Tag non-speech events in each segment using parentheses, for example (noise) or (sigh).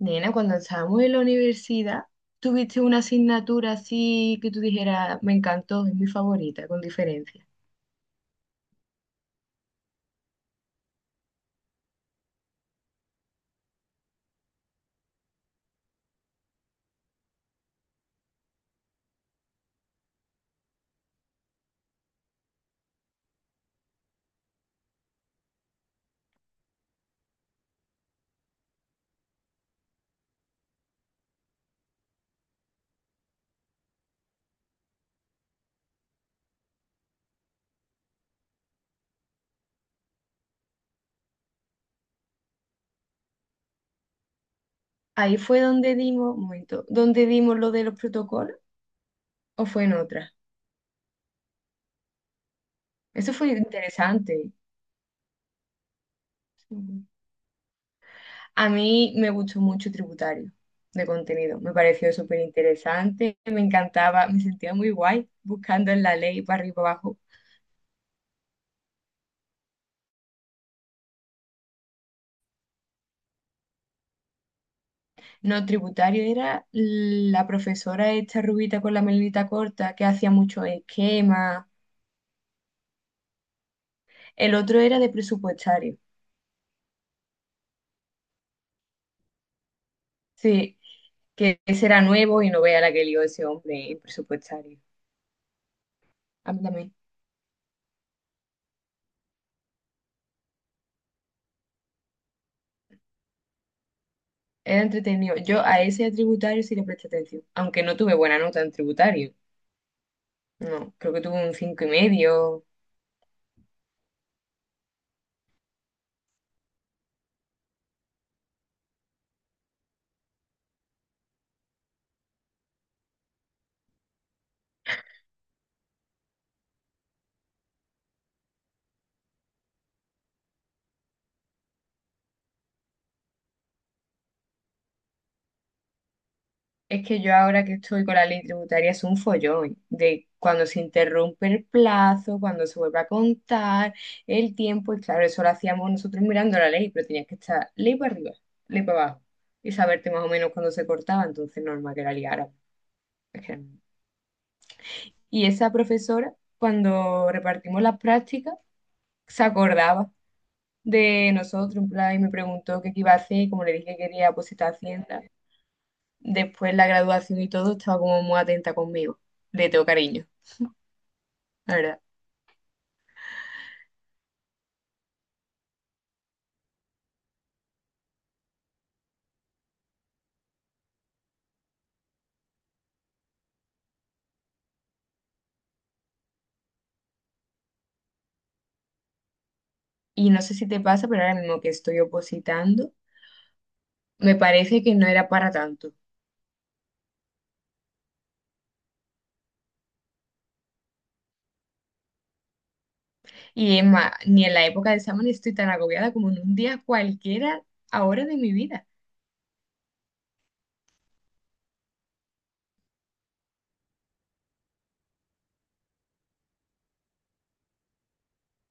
Nena, cuando estábamos en la universidad, ¿tuviste una asignatura así que tú dijeras, me encantó, es mi favorita, con diferencia? Ahí fue donde dimos, un momento, donde dimos lo de los protocolos, o fue en otra. Eso fue interesante. Ujú. A mí me gustó mucho tributario de contenido, me pareció súper interesante, me encantaba, me sentía muy guay buscando en la ley para arriba y para abajo. No, tributario era la profesora esta rubita con la melenita corta que hacía muchos esquemas. El otro era de presupuestario. Sí, que ese era nuevo y no vea la que lió ese hombre en presupuestario. A mí también. Era entretenido. Yo a ese tributario sí le presté atención, aunque no tuve buena nota en tributario. No, creo que tuve un 5,5. Es que yo ahora que estoy con la ley tributaria es un follón de cuando se interrumpe el plazo, cuando se vuelve a contar el tiempo, y claro, eso lo hacíamos nosotros mirando la ley, pero tenías que estar ley para arriba, ley para abajo, y saberte más o menos cuándo se cortaba, entonces normal que la liara. No. Y esa profesora, cuando repartimos las prácticas, se acordaba de nosotros, en plan, y me preguntó qué iba a hacer, y como le dije que quería pues a Hacienda, después la graduación y todo, estaba como muy atenta conmigo. Le tengo cariño, la verdad. Y no sé si te pasa, pero ahora mismo que estoy opositando, me parece que no era para tanto. Y es más, ni en la época de examen estoy tan agobiada como en un día cualquiera ahora de mi vida.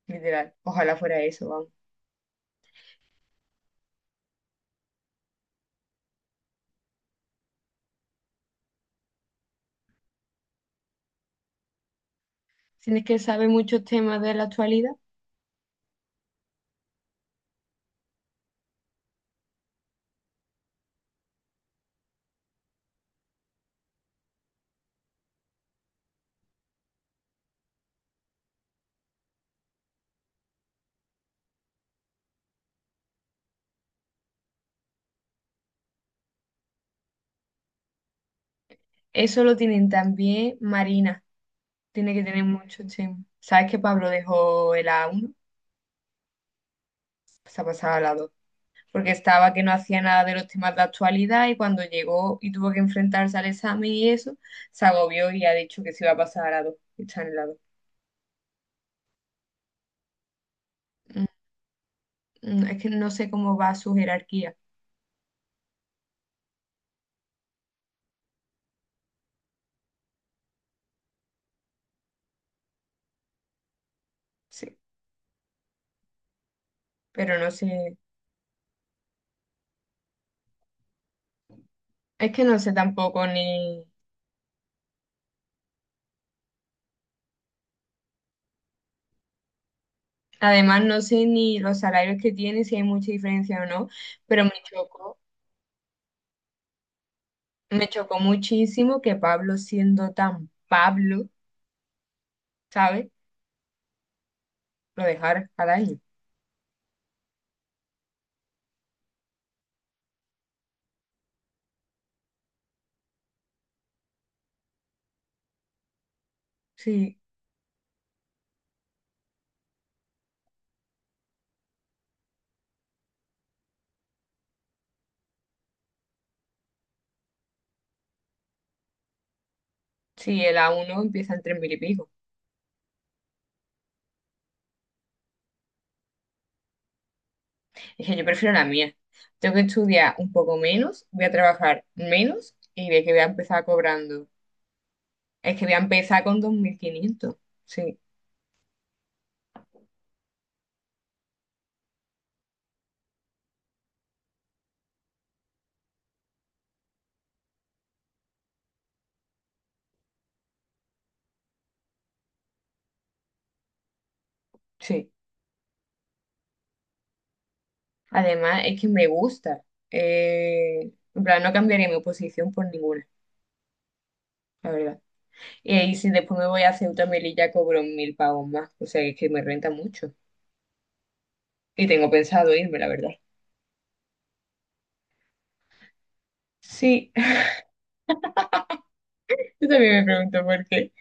Literal, ojalá fuera eso, vamos. Tienes que saber muchos temas de la actualidad. Eso lo tienen también Marina. Tiene que tener muchos temas. ¿Sabes que Pablo dejó el A1? Se ha pasado al A2 porque estaba que no hacía nada de los temas de actualidad y cuando llegó y tuvo que enfrentarse al examen y eso, se agobió y ha dicho que se iba a pasar a la dos, que está en el lado. Es que no sé cómo va su jerarquía, sí, pero no sé, es que no sé tampoco ni, además no sé ni los salarios que tiene, si hay mucha diferencia o no, pero me chocó, muchísimo que Pablo siendo tan Pablo, ¿sabes? Lo dejara al año. Sí, sí, el A1 empieza en tres mil y pico. Dije, yo prefiero la mía. Tengo que estudiar un poco menos, voy a trabajar menos y de que voy a empezar cobrando. Es que voy a empezar con 2500. Sí, sí. Además, es que me gusta. En plan, no cambiaría mi posición por ninguna, la verdad. Y ahí, si después me voy a Ceuta y Melilla, cobro 1000 pavos más. O sea, es que me renta mucho. Y tengo pensado irme, la verdad. Sí, (laughs) yo también me pregunto por qué.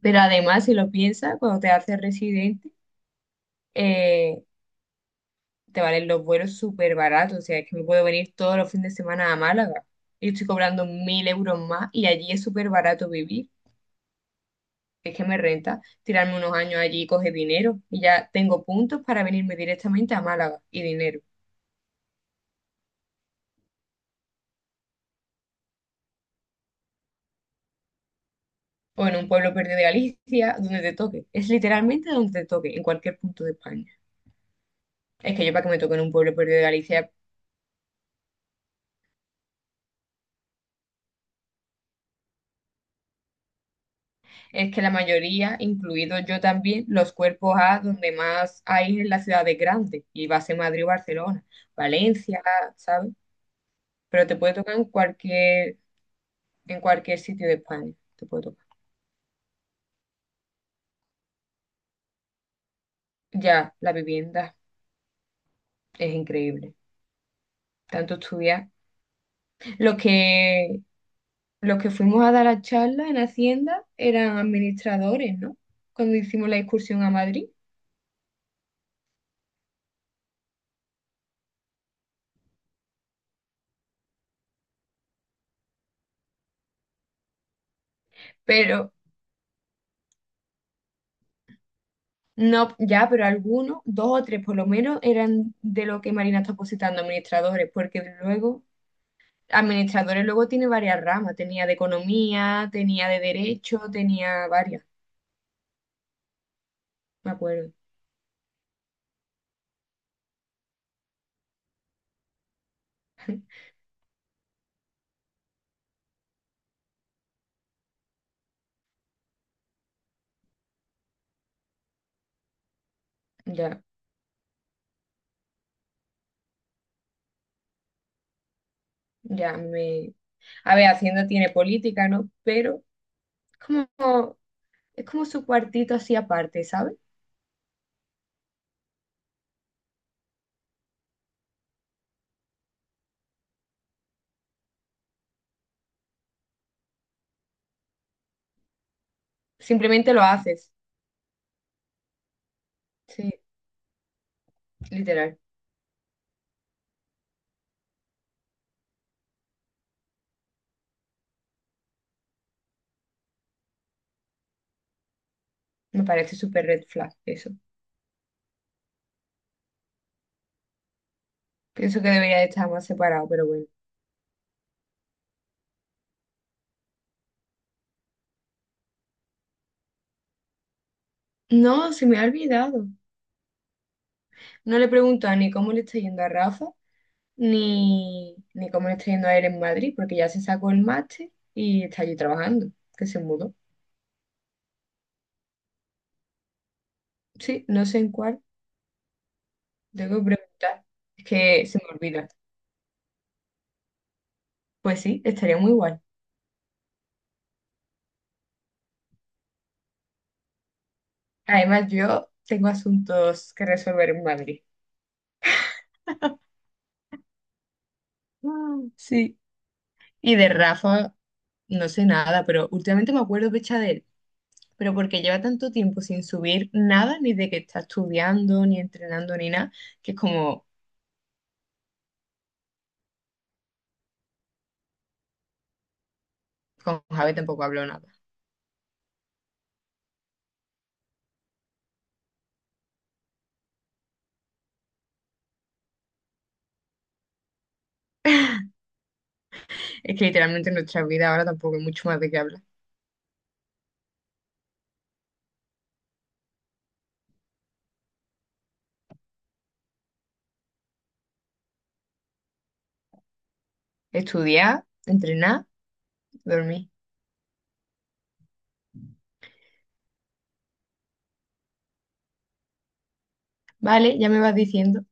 Pero además, si lo piensas, cuando te haces residente, eh, te valen los vuelos súper baratos, o sea, es que me puedo venir todos los fines de semana a Málaga. Yo estoy cobrando 1000 euros más y allí es súper barato vivir. Es que me renta tirarme unos años allí y coger dinero. Y ya tengo puntos para venirme directamente a Málaga y dinero. O en un pueblo perdido de Galicia, donde te toque. Es literalmente donde te toque, en cualquier punto de España. Es que yo para que me toque en un pueblo perdido de Galicia, es que la mayoría, incluido yo también, los cuerpos A donde más hay es en las ciudades grandes, y va a ser Madrid o Barcelona, Valencia, ¿sabes? Pero te puede tocar en cualquier, sitio de España, te puede tocar. Ya, la vivienda es increíble, tanto estudiar. Los que, los que fuimos a dar la charla en Hacienda eran administradores, ¿no? Cuando hicimos la excursión a Madrid. Pero no, ya, pero algunos, dos o tres por lo menos, eran de lo que Marina está positando, administradores, porque luego, administradores luego tiene varias ramas, tenía de economía, tenía de derecho, tenía varias, me acuerdo. (laughs) Ya, ya me... A ver, Hacienda tiene política, ¿no? Pero es como, su cuartito así aparte, ¿sabes? Simplemente lo haces, sí, literal. Me parece súper red flag eso. Pienso que debería de estar más separado, pero bueno. No, se me ha olvidado. No le pregunta ni cómo le está yendo a Rafa, ni cómo le está yendo a él en Madrid, porque ya se sacó el máster y está allí trabajando, que se mudó. Sí, no sé en cuál, tengo que preguntar, es que se me olvida. Pues sí, estaría muy guay. Además, yo tengo asuntos que resolver en Madrid. Mm, sí. Y de Rafa, no sé nada, pero últimamente me acuerdo pecha de él, pero porque lleva tanto tiempo sin subir nada, ni de que está estudiando, ni entrenando, ni nada, que es como... Con Javi tampoco hablo nada. Es que literalmente en nuestra vida ahora tampoco hay mucho más de qué hablar. Estudiar, entrenar, dormir. Vale, ya me vas diciendo.